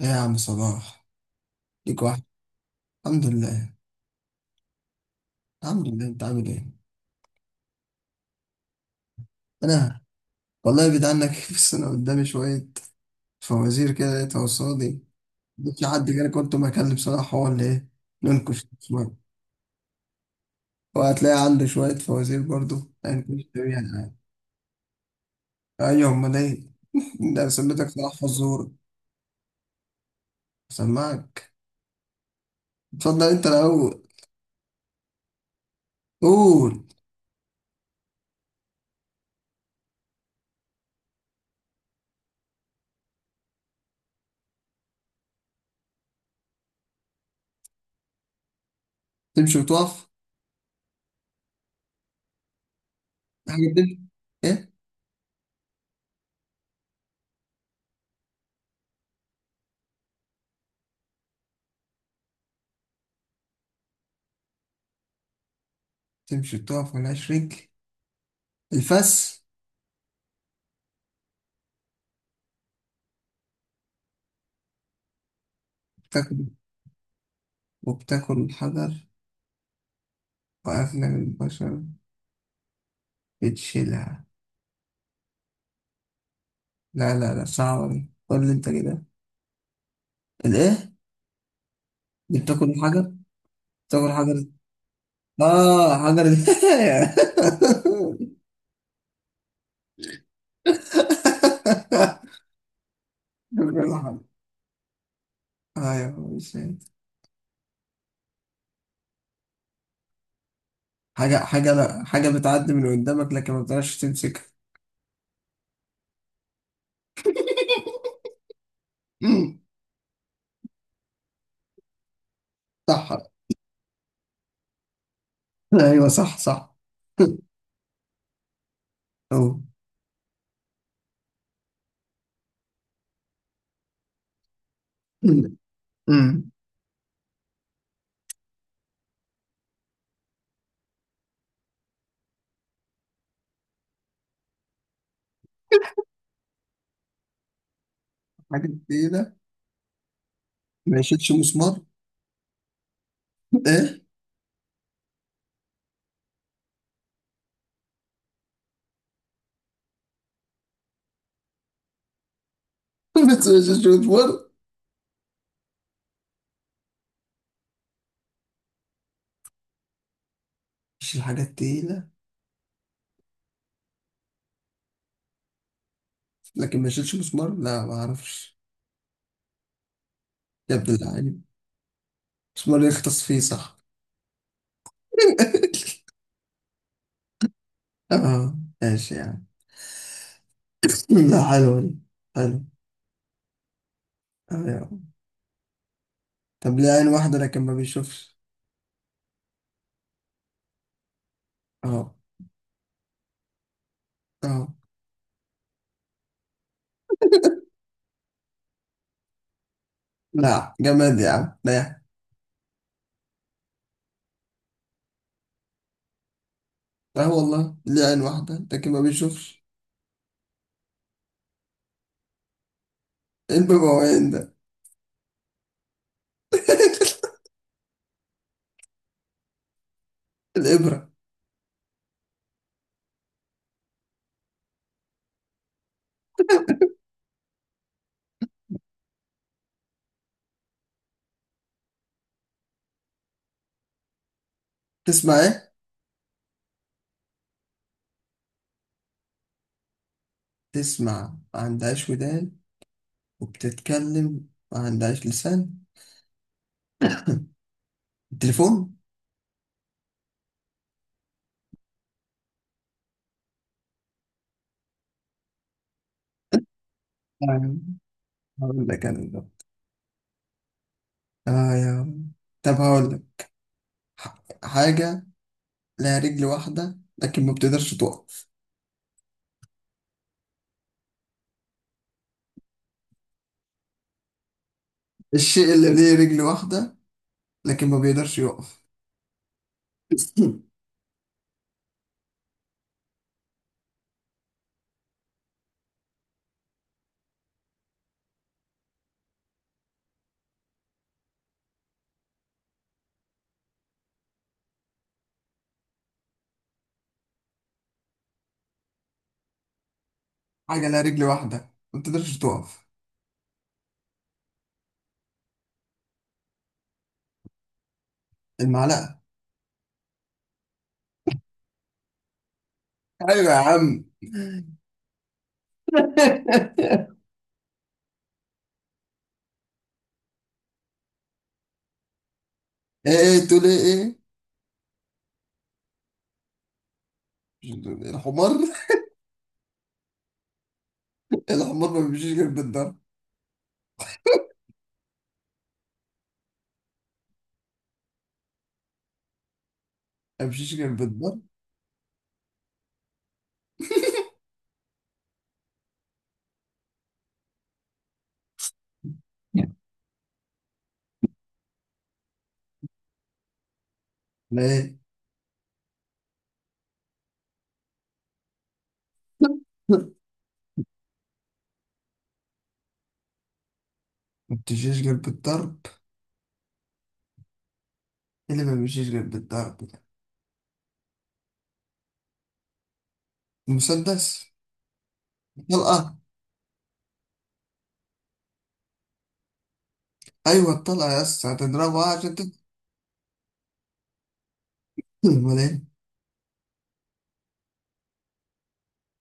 ايه يا عم صباح، ليك واحد. الحمد لله. الحمد لله، انت عامل ايه؟ انا والله بعيد عنك بس انا قدامي شويه فوازير كده لقيتها قصادي. مش حد، كده كنت بكلم صلاح هو اللي ايه، ننكش شويه وهتلاقي عنده شويه فوازير برضو. هنكش بيها يعني. ايوه، امال ايه؟ ده سميتك صلاح فزور. سمعك. اتفضل انت الاول. قول. تمشي وتقف. حاجه تمشي. ايه؟ تمشي وتقف ملهاش رجل، الفس. وبتاكل الحجر وأغلب البشر بتشيلها. لا، صعبة دي، قول لي أنت كده. الإيه؟ دي بتاكل الحجر؟ بتاكل حجر. آه، حجر بتاكل الحجر. أيوه، مش هي. حاجة، لا، حاجة بتعدي من قدامك لكن ما بتعرفش تمسكها. أمم، صح. أيوه، صح صح. أوه. أمم، أمم. حاجة كده. ما يشيلش مسمار. إيه؟ ما يشيلش مسمار. اشيل حاجات تقيلة لكن ما اشيلش مسمار، لا، ما اعرفش. يا ابن اللعين، مسمار يختص فيه، صح. اه، ماشي يعني. لا، حلوة دي. حلو. اه يا عم. طب، ليه عين واحدة لكن ما بيشوفش؟ اه. اه. لا، جماد يا عم، لا يا عم. اه والله، ليه عين واحدة لكن ما بيشوفش. ايه المبوعين ده؟ الإبرة. تسمع ايه؟ تسمع ما عندهاش ودان، وبتتكلم ما عندهاش لسان. التليفون. أيوة. هقول لك انا. اه يا عم. طب هقول لك. حاجة لها رجل واحدة لكن ما بتقدرش تقف. الشيء اللي ليه رجل واحدة لكن ما بيقدرش يقف. حاجة لها رجل واحدة ما بتقدرش تقف. المعلقة. ايوه يا عم. ايه، تقول ايه؟ ايه؟ الحمار. الحمار ما بيمشيش غير بالضرب. ما بيمشيش غير بالضرب. لا ايه، ما بتمشيش غير بالضرب. إيه اللي ما بيمشيش غير بالضرب ده؟ المسدس. الطلقة. ايوه الطلقه يا اسطى، هتضربها عشان تمشي. امال ايه؟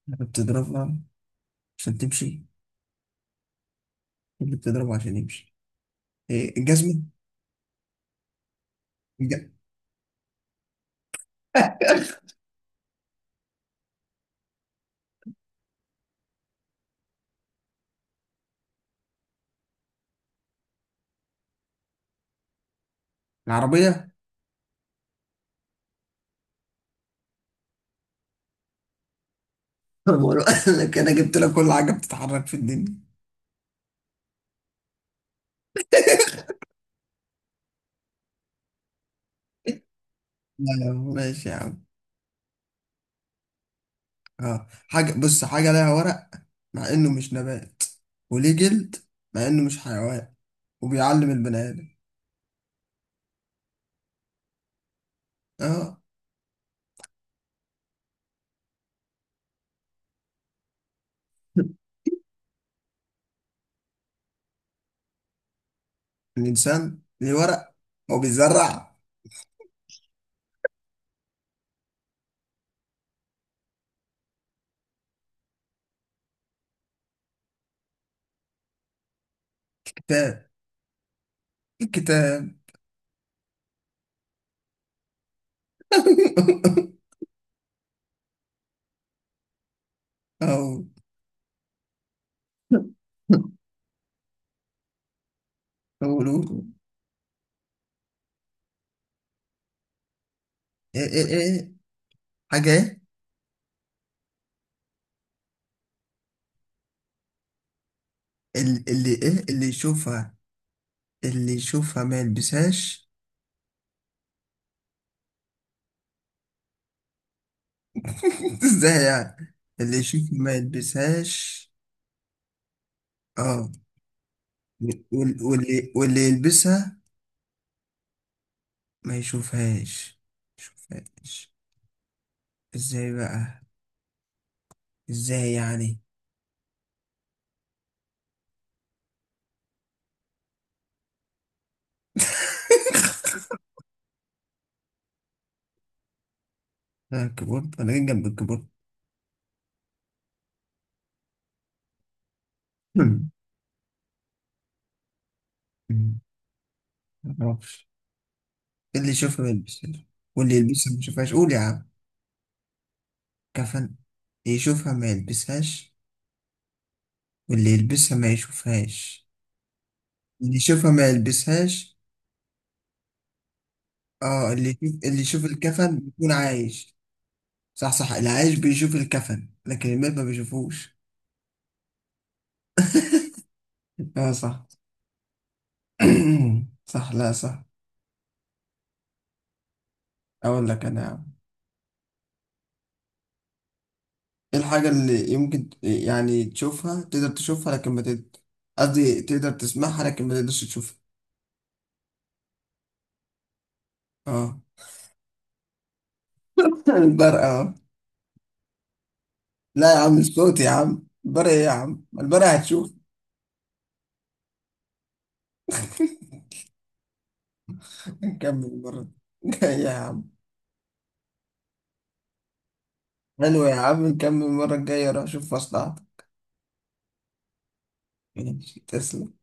بتضربها عشان تمشي. اللي بتضربها عشان يمشي، إيه؟ الجزمه. الج- العربيه بقول لك انا جبت لك كل حاجه بتتحرك في الدنيا. لا لا، ماشي يا عم. اه، حاجه، بص، حاجه لها ورق مع انه مش نبات، وليه جلد مع انه مش حيوان، وبيعلم البني ادم. اه. الانسان ليه ورق، هو بيزرع؟ كتاب. الكتاب. اهو. قولوا. ايه ايه ايه؟ حاجة ايه؟ اللي ايه؟ اللي يشوفها، اللي يشوفها ما يلبسهاش. ازاي يعني؟ اللي يشوفها ما يلبسهاش. اه. واللي واللي يلبسها ما يشوفهاش. يشوفهاش؟ ازاي بقى؟ ازاي يعني؟ انا الكيبورد، انا جاي جنب الكيبورد. مم. مم. معرفش. اللي يشوفها ما يلبسهاش واللي يلبسها ما يشوفهاش، قول يا عم. كفن. يشوفها ما يلبسهاش، اللي يلبسها ما يشوفهاش. اللي يشوفها ما يلبسهاش، اه، اللي يشوف، اللي يشوف الكفن بيكون عايش. صح صح، العايش بيشوف الكفن لكن الميت ما بيشوفوش. اه صح. صح، لا صح. اقول لك انا يا عم. ايه الحاجة اللي يمكن يعني تشوفها، تقدر تشوفها لكن ما تقدر، قصدي تقدر تسمعها لكن ما تقدرش تشوفها. اه. البرق؟ اه، لا يا عم، الصوت يا عم، البرق ايه يا عم؟ البرق هتشوف. نكمل المرة الجاية يا عم. حلو يا عم، نكمل المرة الجاية، روح شوف مصلحتك. ماشي، تسلم.